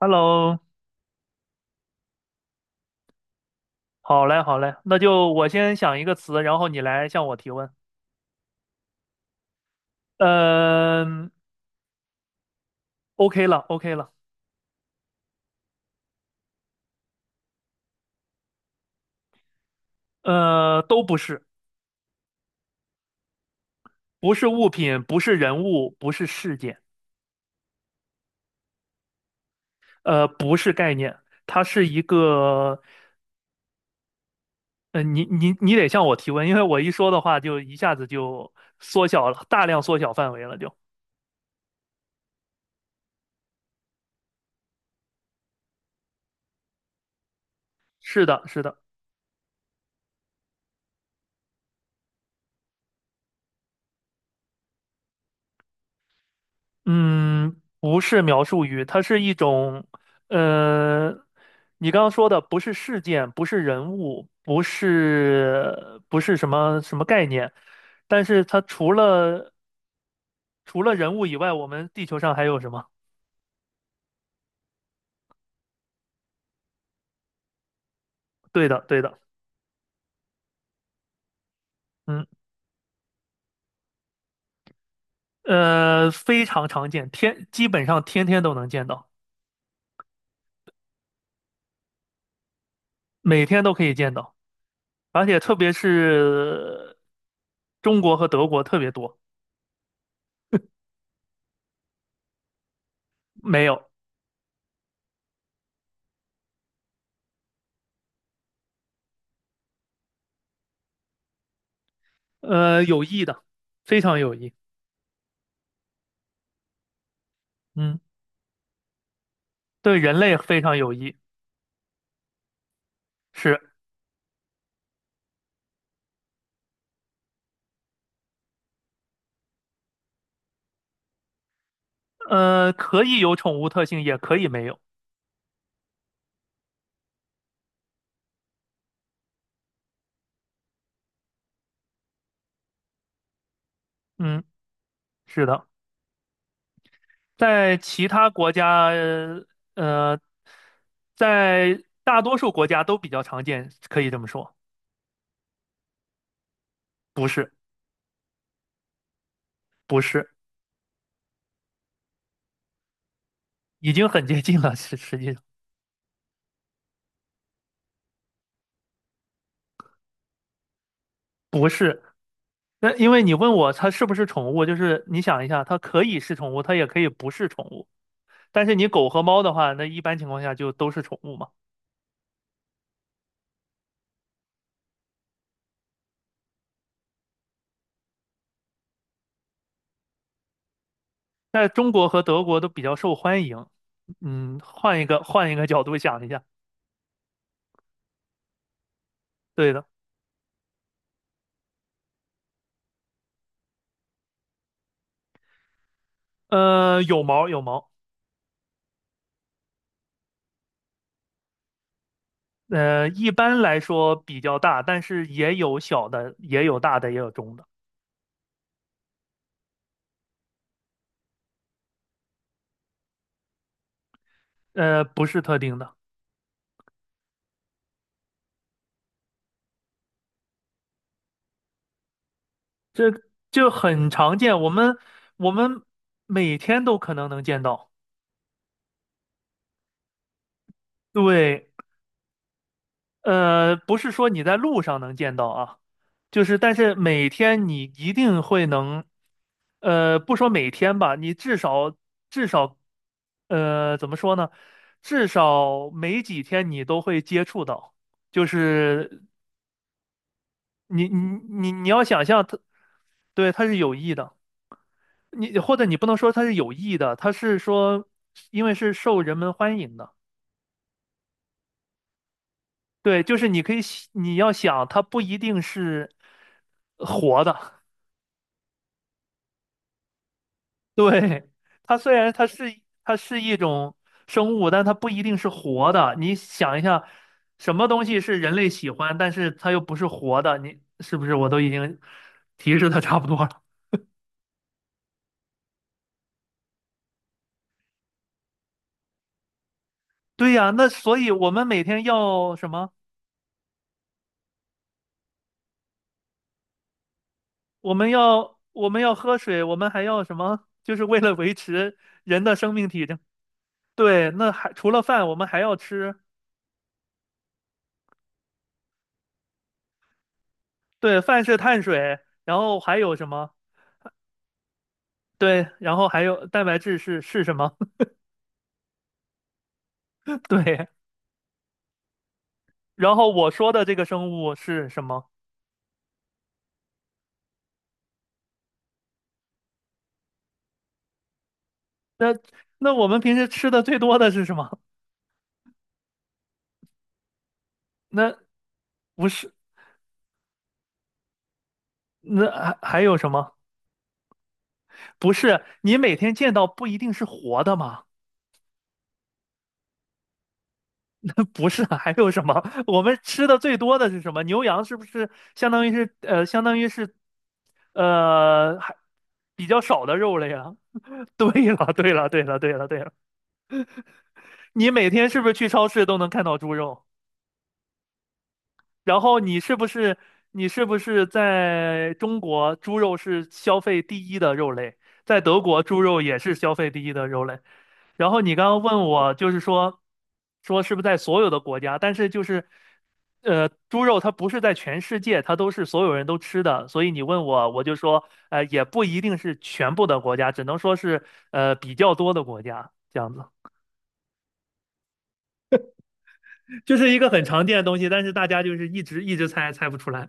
Hello，好嘞，好嘞，那就我先想一个词，然后你来向我提问。嗯，OK 了，OK 了，都不是，不是物品，不是人物，不是事件，不是概念，它是一个，你得向我提问，因为我一说的话就一下子就缩小了，大量缩小范围了就，是的，是的。嗯，不是描述语，它是一种，呃，你刚刚说的不是事件，不是人物，不是什么什么概念，但是它除了人物以外，我们地球上还有什么？对的，对的，嗯，非常常见，天基本上天天都能见到，每天都可以见到，而且特别是中国和德国特别多，没有，有益的，非常有益。嗯。对人类非常有益，是，可以有宠物特性，也可以没有。嗯，是的，在其他国家，呃，在大多数国家都比较常见，可以这么说。不是，不是，已经很接近了，实际上不是。那因为你问我它是不是宠物，就是你想一下，它可以是宠物，它也可以不是宠物。但是你狗和猫的话，那一般情况下就都是宠物嘛。在中国和德国都比较受欢迎。嗯，换一个角度想一下，对的，有毛有毛，一般来说比较大，但是也有小的，也有大的，也有中的，不是特定的，这就很常见，我们每天都能见到，对，不是说你在路上能见到啊，就是但是每天你一定会能，不说每天吧，你至少，怎么说呢？至少每几天你都会接触到，就是你要想象它，对，它是有益的，或者你不能说它是有益的，它是说因为是受人们欢迎的。对，就是你要想，它不一定是活的，对，它虽然它是一种生物，但它不一定是活的。你想一下，什么东西是人类喜欢，但是它又不是活的？你是不是我都已经 提示的差不多了？对呀，那所以我们每天要什么？我们要喝水，我们还要什么？就是为了维持人的生命体征。对，那还除了饭，我们还要吃。对，饭是碳水，然后还有什么？对，然后还有蛋白质是什么？对。然后我说的这个生物是什么？那那我们平时吃的最多的是什么？那不是，那还有什么？不是，你每天见到不一定是活的嘛？那不是，还有什么？我们吃的最多的是什么？牛羊是不是相当于是还比较少的肉类啊？对了，对了，对了，对了，对了，你每天是不是去超市都能看到猪肉？然后你是不是在中国猪肉是消费第一的肉类，在德国猪肉也是消费第一的肉类。然后你刚刚问我就是说是不是在所有的国家，但是就是猪肉它不是在全世界，它都是所有人都吃的，所以你问我就说也不一定是全部的国家，只能说是比较多的国家这样子，就是一个很常见的东西，但是大家就是一直一直猜不出来。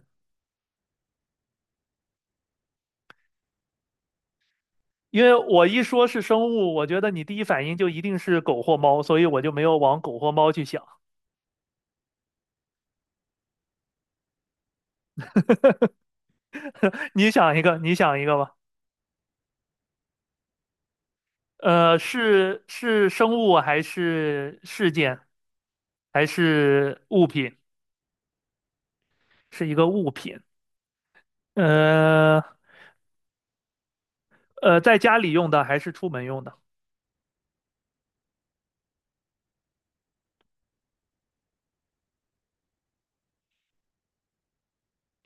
因为我一说是生物，我觉得你第一反应就一定是狗或猫，所以我就没有往狗或猫去想。你想一个，你想一个吧。是生物还是事件，还是物品？是一个物品。呃在家里用的还是出门用的？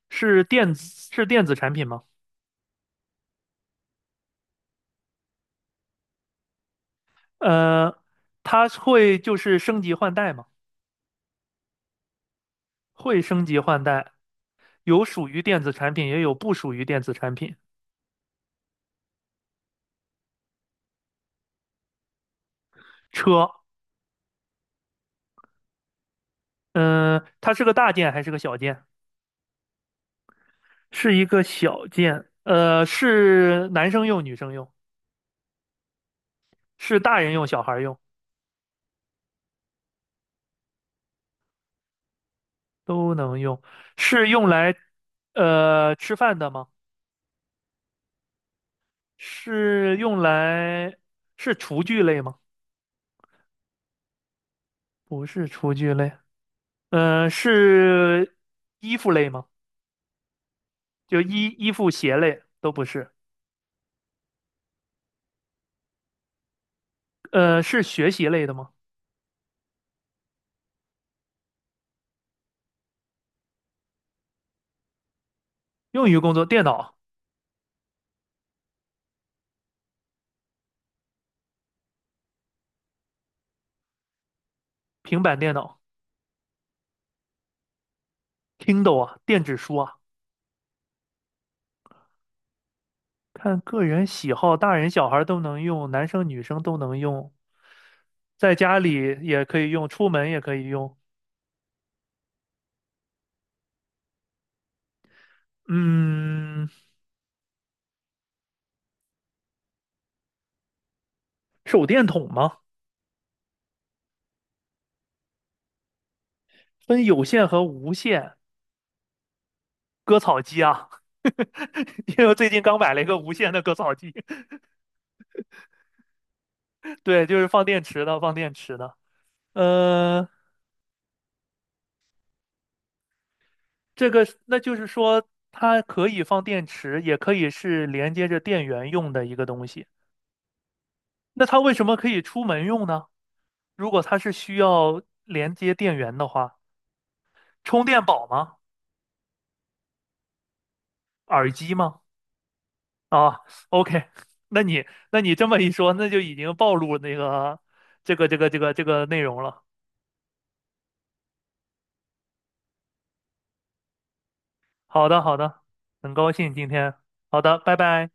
是电子产品吗？呃，它会就是升级换代吗？会升级换代，有属于电子产品，也有不属于电子产品。车。嗯，它是个大件还是个小件？是一个小件。是男生用、女生用，是大人用、小孩用都能用。是用来吃饭的吗？是用来是厨具类吗？不是厨具类。是衣服类吗？就衣服、鞋类都不是。是学习类的吗？用于工作，电脑、平板电脑、Kindle 啊，电子书啊。看个人喜好，大人小孩都能用，男生女生都能用，在家里也可以用，出门也可以用。嗯，手电筒吗？分有线和无线。割草机啊，因为我最近刚买了一个无线的割草机，对，就是放电池的，放电池的。呃，这个是那就是说，它可以放电池，也可以是连接着电源用的一个东西。那它为什么可以出门用呢？如果它是需要连接电源的话，充电宝吗？耳机吗？啊，OK，那你那你这么一说，那就已经暴露那个这个内容了。好的，好的，很高兴今天，好的，拜拜。